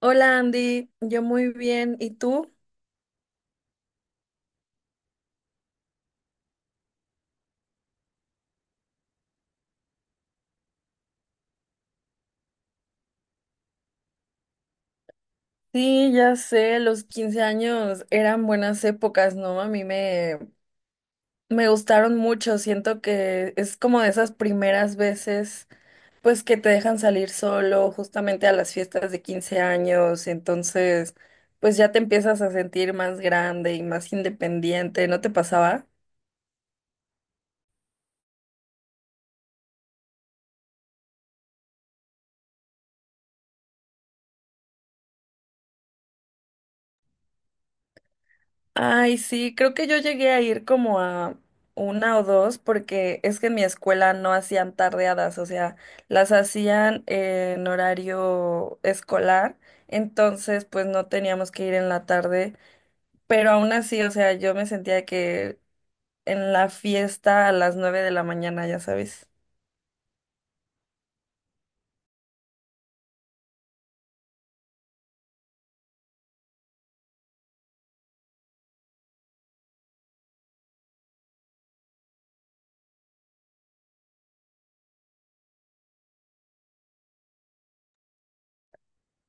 Hola Andy, yo muy bien. ¿Y tú? Sí, ya sé, los 15 años eran buenas épocas, ¿no? A mí me gustaron mucho. Siento que es como de esas primeras veces, pues que te dejan salir solo justamente a las fiestas de 15 años. Entonces, pues ya te empiezas a sentir más grande y más independiente. ¿No te pasaba? Ay, sí, creo que yo llegué a ir como a una o dos porque es que en mi escuela no hacían tardeadas, o sea, las hacían en horario escolar, entonces pues no teníamos que ir en la tarde, pero aún así, o sea, yo me sentía que en la fiesta a las nueve de la mañana, ya sabes.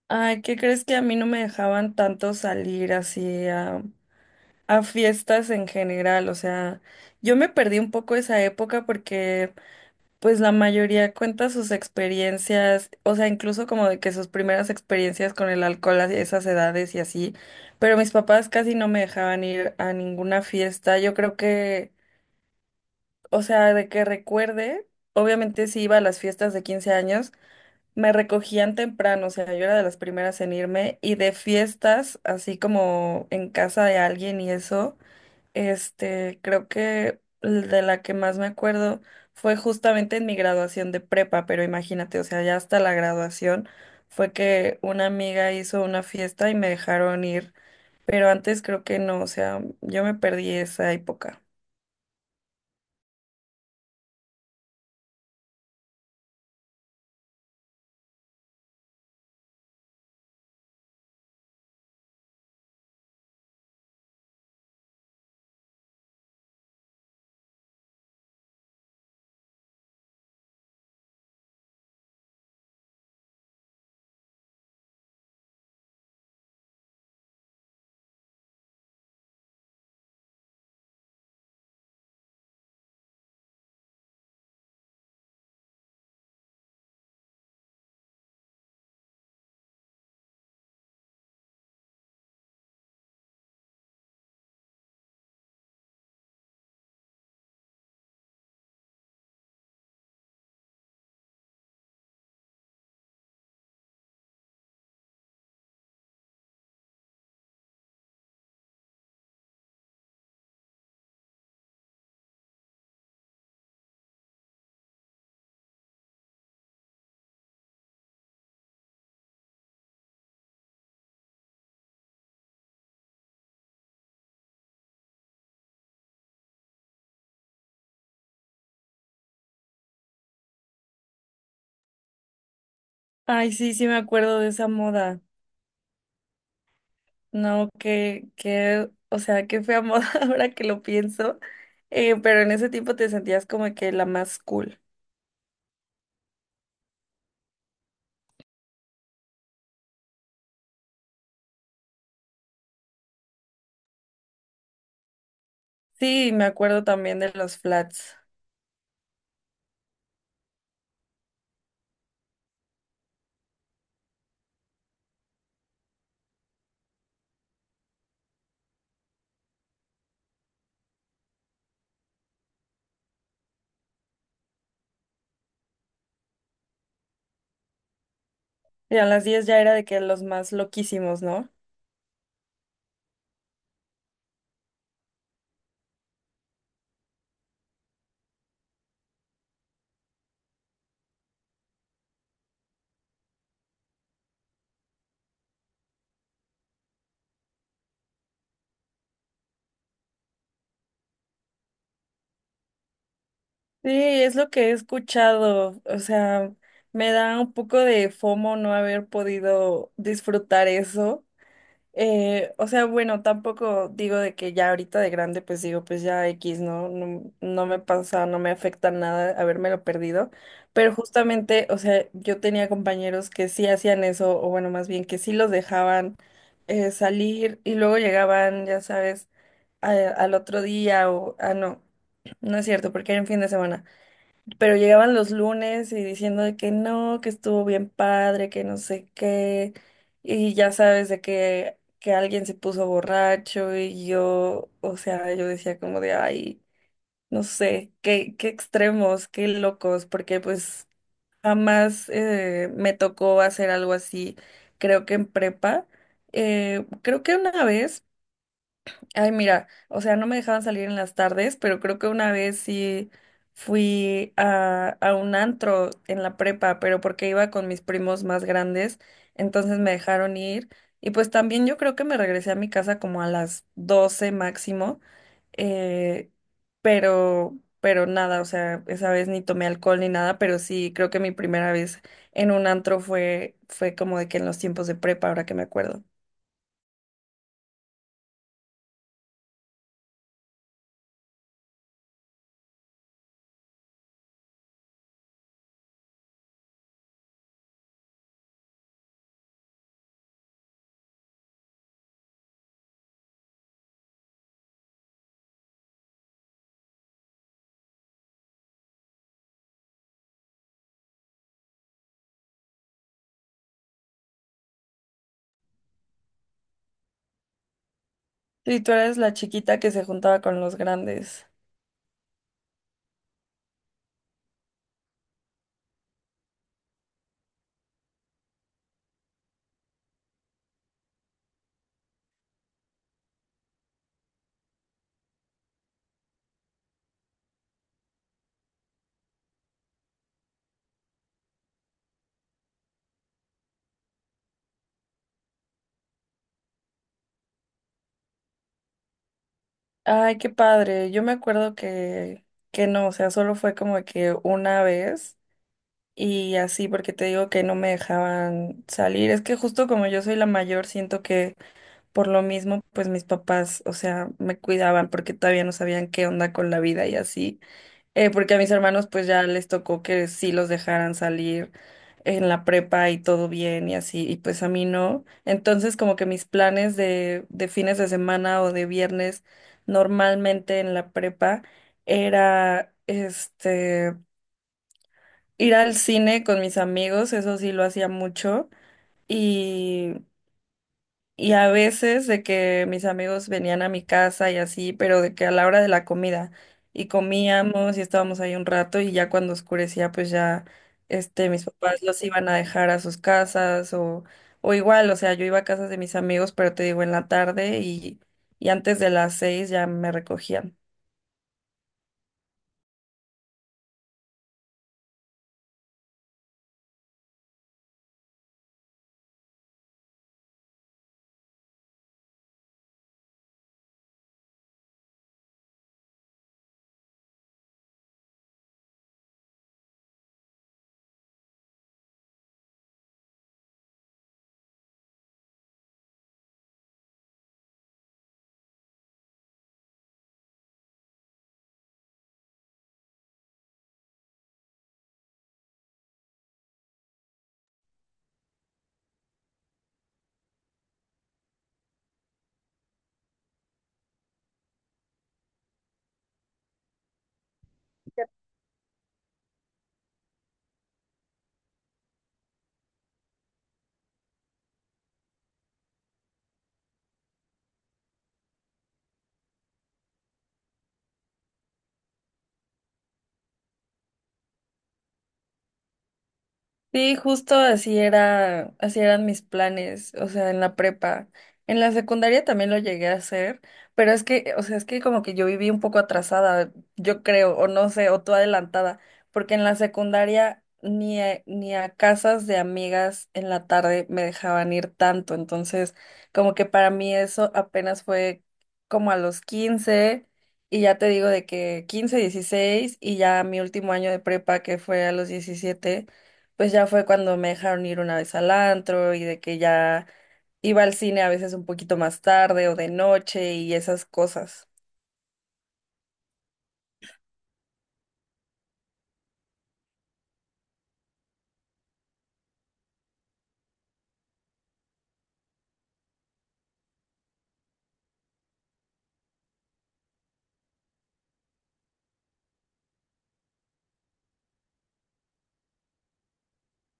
Ay, ¿qué crees que a mí no me dejaban tanto salir así a fiestas en general? O sea, yo me perdí un poco esa época porque pues la mayoría cuenta sus experiencias, o sea, incluso como de que sus primeras experiencias con el alcohol a esas edades y así, pero mis papás casi no me dejaban ir a ninguna fiesta. Yo creo que, o sea, de que recuerde, obviamente sí iba a las fiestas de 15 años, me recogían temprano, o sea, yo era de las primeras en irme y de fiestas, así como en casa de alguien y eso. Este, creo que de la que más me acuerdo fue justamente en mi graduación de prepa, pero imagínate, o sea, ya hasta la graduación fue que una amiga hizo una fiesta y me dejaron ir, pero antes creo que no, o sea, yo me perdí esa época. Ay, sí, sí me acuerdo de esa moda. No, que, o sea, qué fea moda ahora que lo pienso. Pero en ese tiempo te sentías como que la más cool. Sí, me acuerdo también de los flats. Y a las 10 ya era de que los más loquísimos, ¿no? Sí, es lo que he escuchado. O sea, me da un poco de FOMO no haber podido disfrutar eso. O sea, bueno, tampoco digo de que ya ahorita de grande, pues digo, pues ya X, ¿no? No, no me pasa, no me afecta nada habérmelo perdido. Pero justamente, o sea, yo tenía compañeros que sí hacían eso, o bueno, más bien que sí los dejaban salir y luego llegaban, ya sabes al otro día o, ah, no, no es cierto, porque era en fin de semana, pero llegaban los lunes y diciendo de que no, que estuvo bien padre, que no sé qué, y ya sabes de que alguien se puso borracho y yo, o sea, yo decía como de, ay, no sé, qué, qué extremos, qué locos, porque pues jamás me tocó hacer algo así, creo que en prepa, creo que una vez. Ay, mira, o sea, no me dejaban salir en las tardes, pero creo que una vez sí fui a un antro en la prepa, pero porque iba con mis primos más grandes, entonces me dejaron ir. Y pues también yo creo que me regresé a mi casa como a las 12 máximo, eh, pero nada, o sea, esa vez ni tomé alcohol ni nada, pero sí, creo que mi primera vez en un antro fue como de que en los tiempos de prepa, ahora que me acuerdo. Sí, tú eres la chiquita que se juntaba con los grandes. Ay, qué padre. Yo me acuerdo que no, o sea, solo fue como que una vez y así, porque te digo que no me dejaban salir. Es que justo como yo soy la mayor, siento que por lo mismo, pues mis papás, o sea, me cuidaban porque todavía no sabían qué onda con la vida y así. Porque a mis hermanos pues ya les tocó que sí los dejaran salir en la prepa y todo bien y así, y pues a mí no. Entonces como que mis planes de fines de semana o de viernes normalmente en la prepa era este ir al cine con mis amigos, eso sí lo hacía mucho. Y a veces de que mis amigos venían a mi casa y así, pero de que a la hora de la comida y comíamos y estábamos ahí un rato y ya cuando oscurecía pues ya este mis papás los iban a dejar a sus casas o igual, o sea, yo iba a casas de mis amigos, pero te digo en la tarde y antes de las seis ya me recogían. Sí, justo así era, así eran mis planes, o sea, en la prepa. En la secundaria también lo llegué a hacer, pero es que, o sea, es que como que yo viví un poco atrasada, yo creo, o no sé, o tú adelantada, porque en la secundaria ni a casas de amigas en la tarde me dejaban ir tanto, entonces como que para mí eso apenas fue como a los 15 y ya te digo de que 15 16 y ya mi último año de prepa que fue a los 17 pues ya fue cuando me dejaron ir una vez al antro y de que ya iba al cine a veces un poquito más tarde o de noche y esas cosas.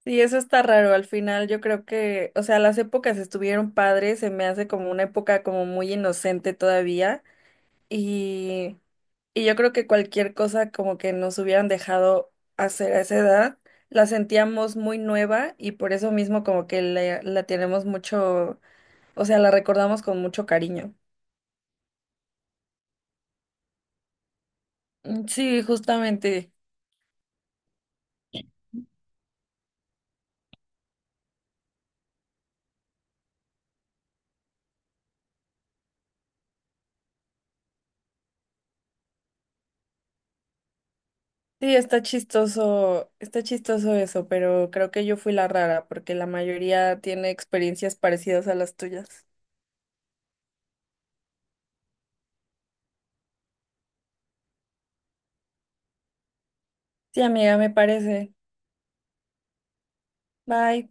Sí, eso está raro. Al final yo creo que, o sea, las épocas estuvieron padres, se me hace como una época como muy inocente todavía y, y yo creo que cualquier cosa como que nos hubieran dejado hacer a esa edad, la sentíamos muy nueva y por eso mismo como que la tenemos mucho, o sea, la recordamos con mucho cariño. Mm, sí, justamente. Sí, está chistoso eso, pero creo que yo fui la rara porque la mayoría tiene experiencias parecidas a las tuyas. Sí, amiga, me parece. Bye.